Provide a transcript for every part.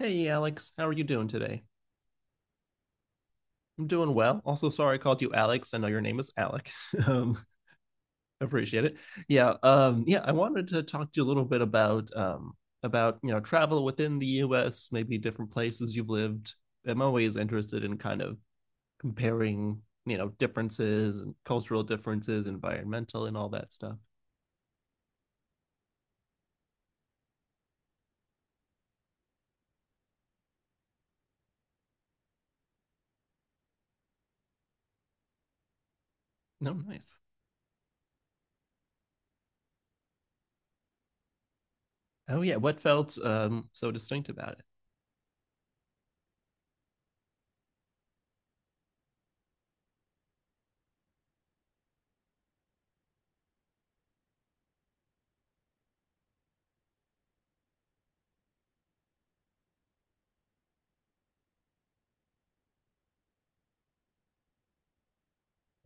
Hey, Alex, how are you doing today? I'm doing well. Also, sorry I called you Alex. I know your name is Alec. um, appreciate it. Yeah. I wanted to talk to you a little bit about about travel within the U.S., maybe different places you've lived. I'm always interested in kind of comparing differences and cultural differences, environmental, and all that stuff. No, nice. Oh yeah, what felt so distinct about it?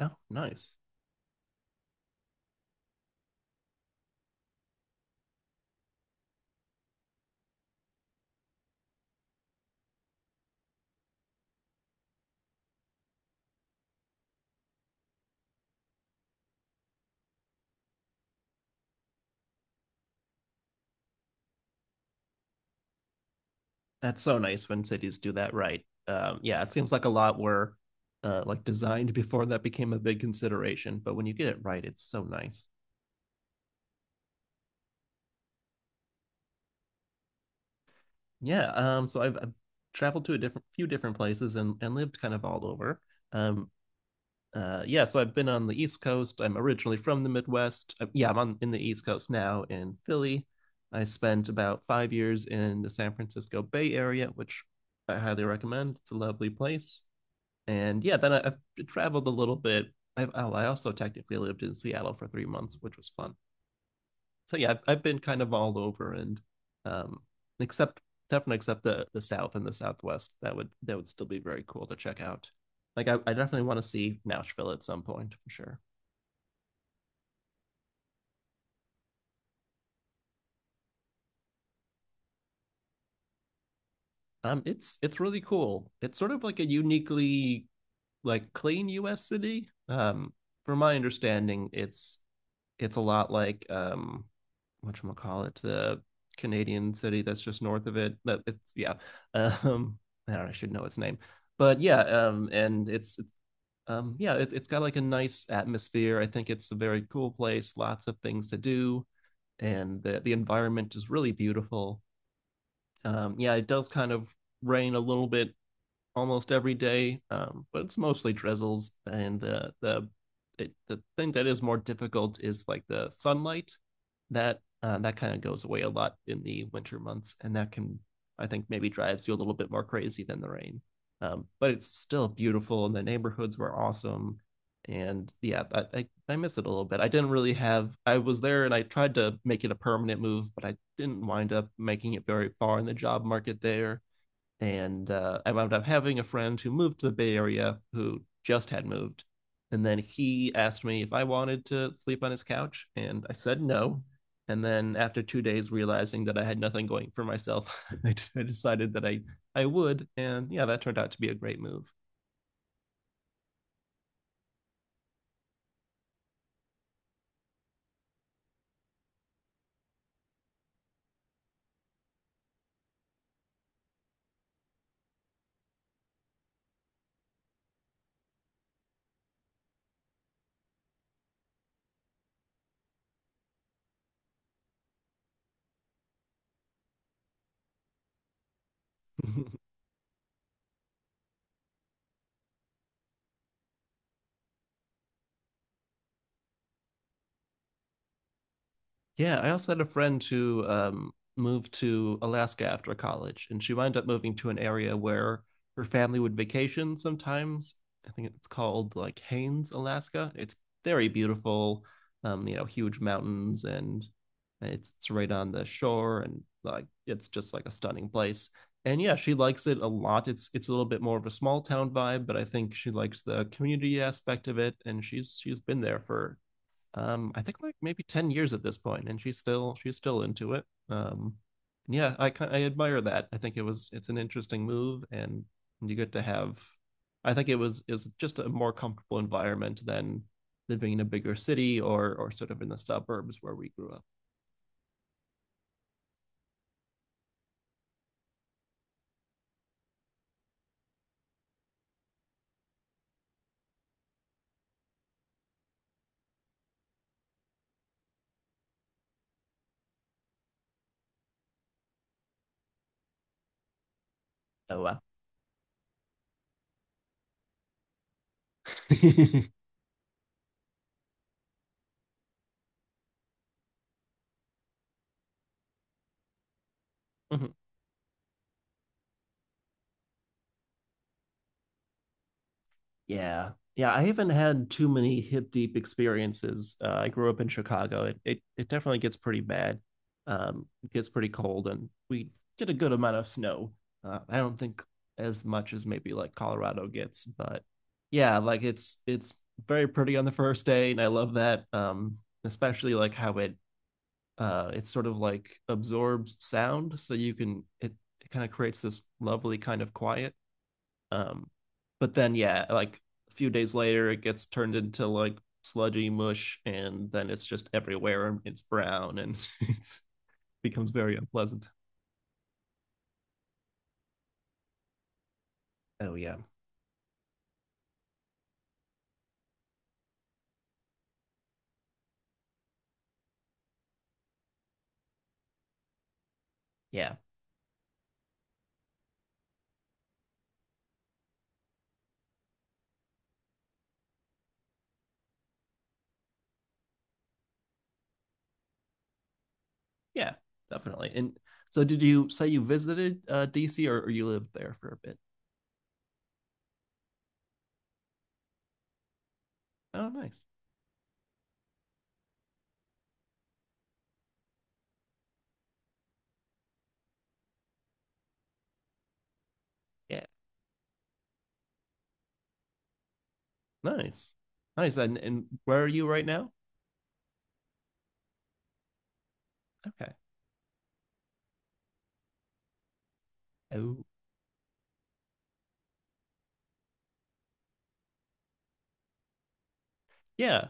Oh, nice. That's so nice when cities do that, right. Yeah, it seems like a lot were like designed before that became a big consideration, but when you get it right, it's so nice. Yeah. So I've traveled to a different few different places and lived kind of all over. Um. Yeah. So I've been on the East Coast. I'm originally from the Midwest. Yeah. I'm on in the East Coast now in Philly. I spent about 5 years in the San Francisco Bay Area, which I highly recommend. It's a lovely place. And yeah, then I traveled a little bit. I, oh, I also technically lived in Seattle for 3 months, which was fun. So yeah, I've been kind of all over, and um, except definitely except the South and the Southwest, that would still be very cool to check out. Like I definitely want to see Nashville at some point for sure. It's really cool. It's sort of like a uniquely like clean U.S. city. From my understanding, it's a lot like what call it the Canadian city that's just north of it. That it's, yeah. Um, I don't. Know, I should know its name, but yeah. And it's yeah. It's got like a nice atmosphere. I think it's a very cool place. Lots of things to do, and the environment is really beautiful. Yeah, it does kind of rain a little bit almost every day, but it's mostly drizzles. And the thing that is more difficult is like the sunlight that kind of goes away a lot in the winter months, and that can I think maybe drives you a little bit more crazy than the rain. But it's still beautiful, and the neighborhoods were awesome. And yeah, I miss it a little bit. I didn't really have. I was there, and I tried to make it a permanent move, but I didn't wind up making it very far in the job market there and I wound up having a friend who moved to the Bay Area who just had moved, and then he asked me if I wanted to sleep on his couch, and I said no. And then after 2 days, realizing that I had nothing going for myself, I decided that I would, and yeah, that turned out to be a great move. Yeah, I also had a friend who moved to Alaska after college, and she wound up moving to an area where her family would vacation sometimes. I think it's called like Haines, Alaska. It's very beautiful, you know, huge mountains, and it's right on the shore, and like it's just like a stunning place. And yeah, she likes it a lot. It's a little bit more of a small town vibe, but I think she likes the community aspect of it, and she's been there for I think like maybe 10 years at this point, and she's still into it. um yeah, I admire that. I think it was, it's an interesting move, and you get to have, I think it was, it was just a more comfortable environment than living in a bigger city, or sort of in the suburbs where we grew up. Oh wow. Mhm. Yeah. Yeah, I haven't had too many hip deep experiences. I grew up in Chicago. It definitely gets pretty bad. It gets pretty cold, and we get a good amount of snow. I don't think as much as maybe like Colorado gets, but yeah, like it's very pretty on the first day, and I love that. Especially like how it it sort of like absorbs sound, so you can, it kind of creates this lovely kind of quiet, um, but then yeah, like a few days later, it gets turned into like sludgy mush, and then it's just everywhere, and it's brown, and it becomes very unpleasant. Oh yeah, yeah, yeah, definitely. And so, did you say you visited DC, or you lived there for a bit? Oh, nice. Yeah, nice, nice. And where are you right now? Okay. Oh yeah,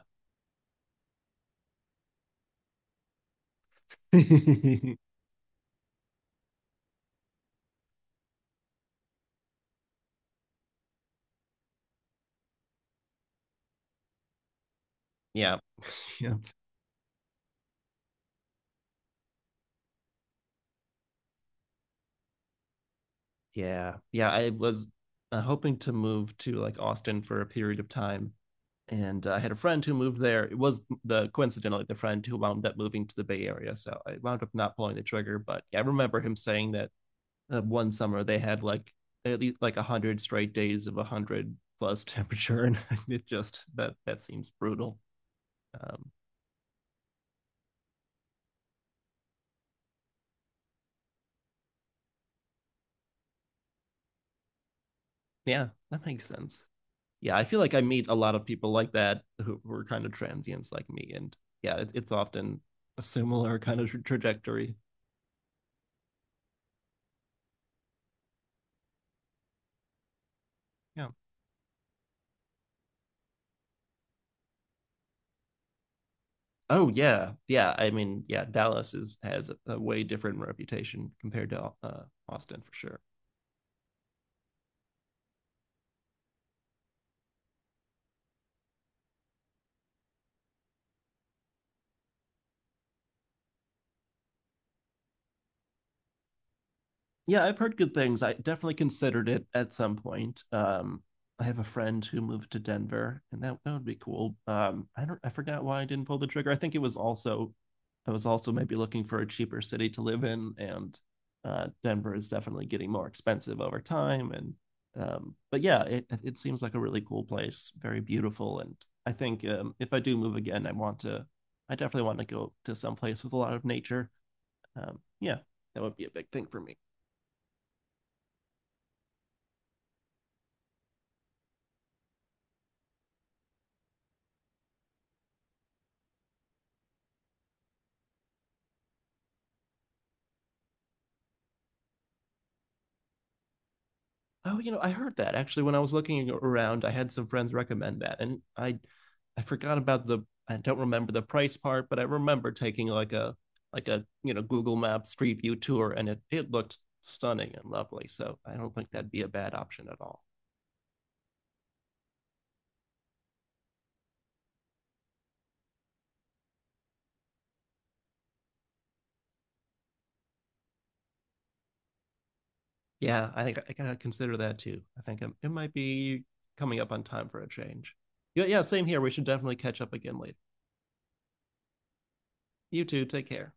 yeah. Yeah, yeah. Yeah. I was hoping to move to like Austin for a period of time. And I had a friend who moved there. It was the coincidentally the friend who wound up moving to the Bay Area. So I wound up not pulling the trigger. But yeah, I remember him saying that one summer they had like at least like 100 straight days of 100 plus temperature. And it just, that, that seems brutal. Um, yeah, that makes sense. Yeah, I feel like I meet a lot of people like that who were kind of transients like me, and yeah, it, it's often a similar kind of trajectory. Yeah. Oh yeah, yeah. I mean, yeah, Dallas is has a way different reputation compared to Austin for sure. Yeah, I've heard good things. I definitely considered it at some point. I have a friend who moved to Denver, and that would be cool. I don't, I forgot why I didn't pull the trigger. I think it was also, I was also maybe looking for a cheaper city to live in, and Denver is definitely getting more expensive over time. And but yeah, it seems like a really cool place, very beautiful, and I think if I do move again, I want to, I definitely want to go to some place with a lot of nature. Yeah, that would be a big thing for me. Oh, you know, I heard that actually when I was looking around. I had some friends recommend that, and I forgot about the. I don't remember the price part, but I remember taking like a Google Maps Street View tour, and it looked stunning and lovely. So I don't think that'd be a bad option at all. Yeah, I think I gotta consider that too. I think it might be coming up on time for a change. Yeah, yeah, same here. We should definitely catch up again later. You too. Take care.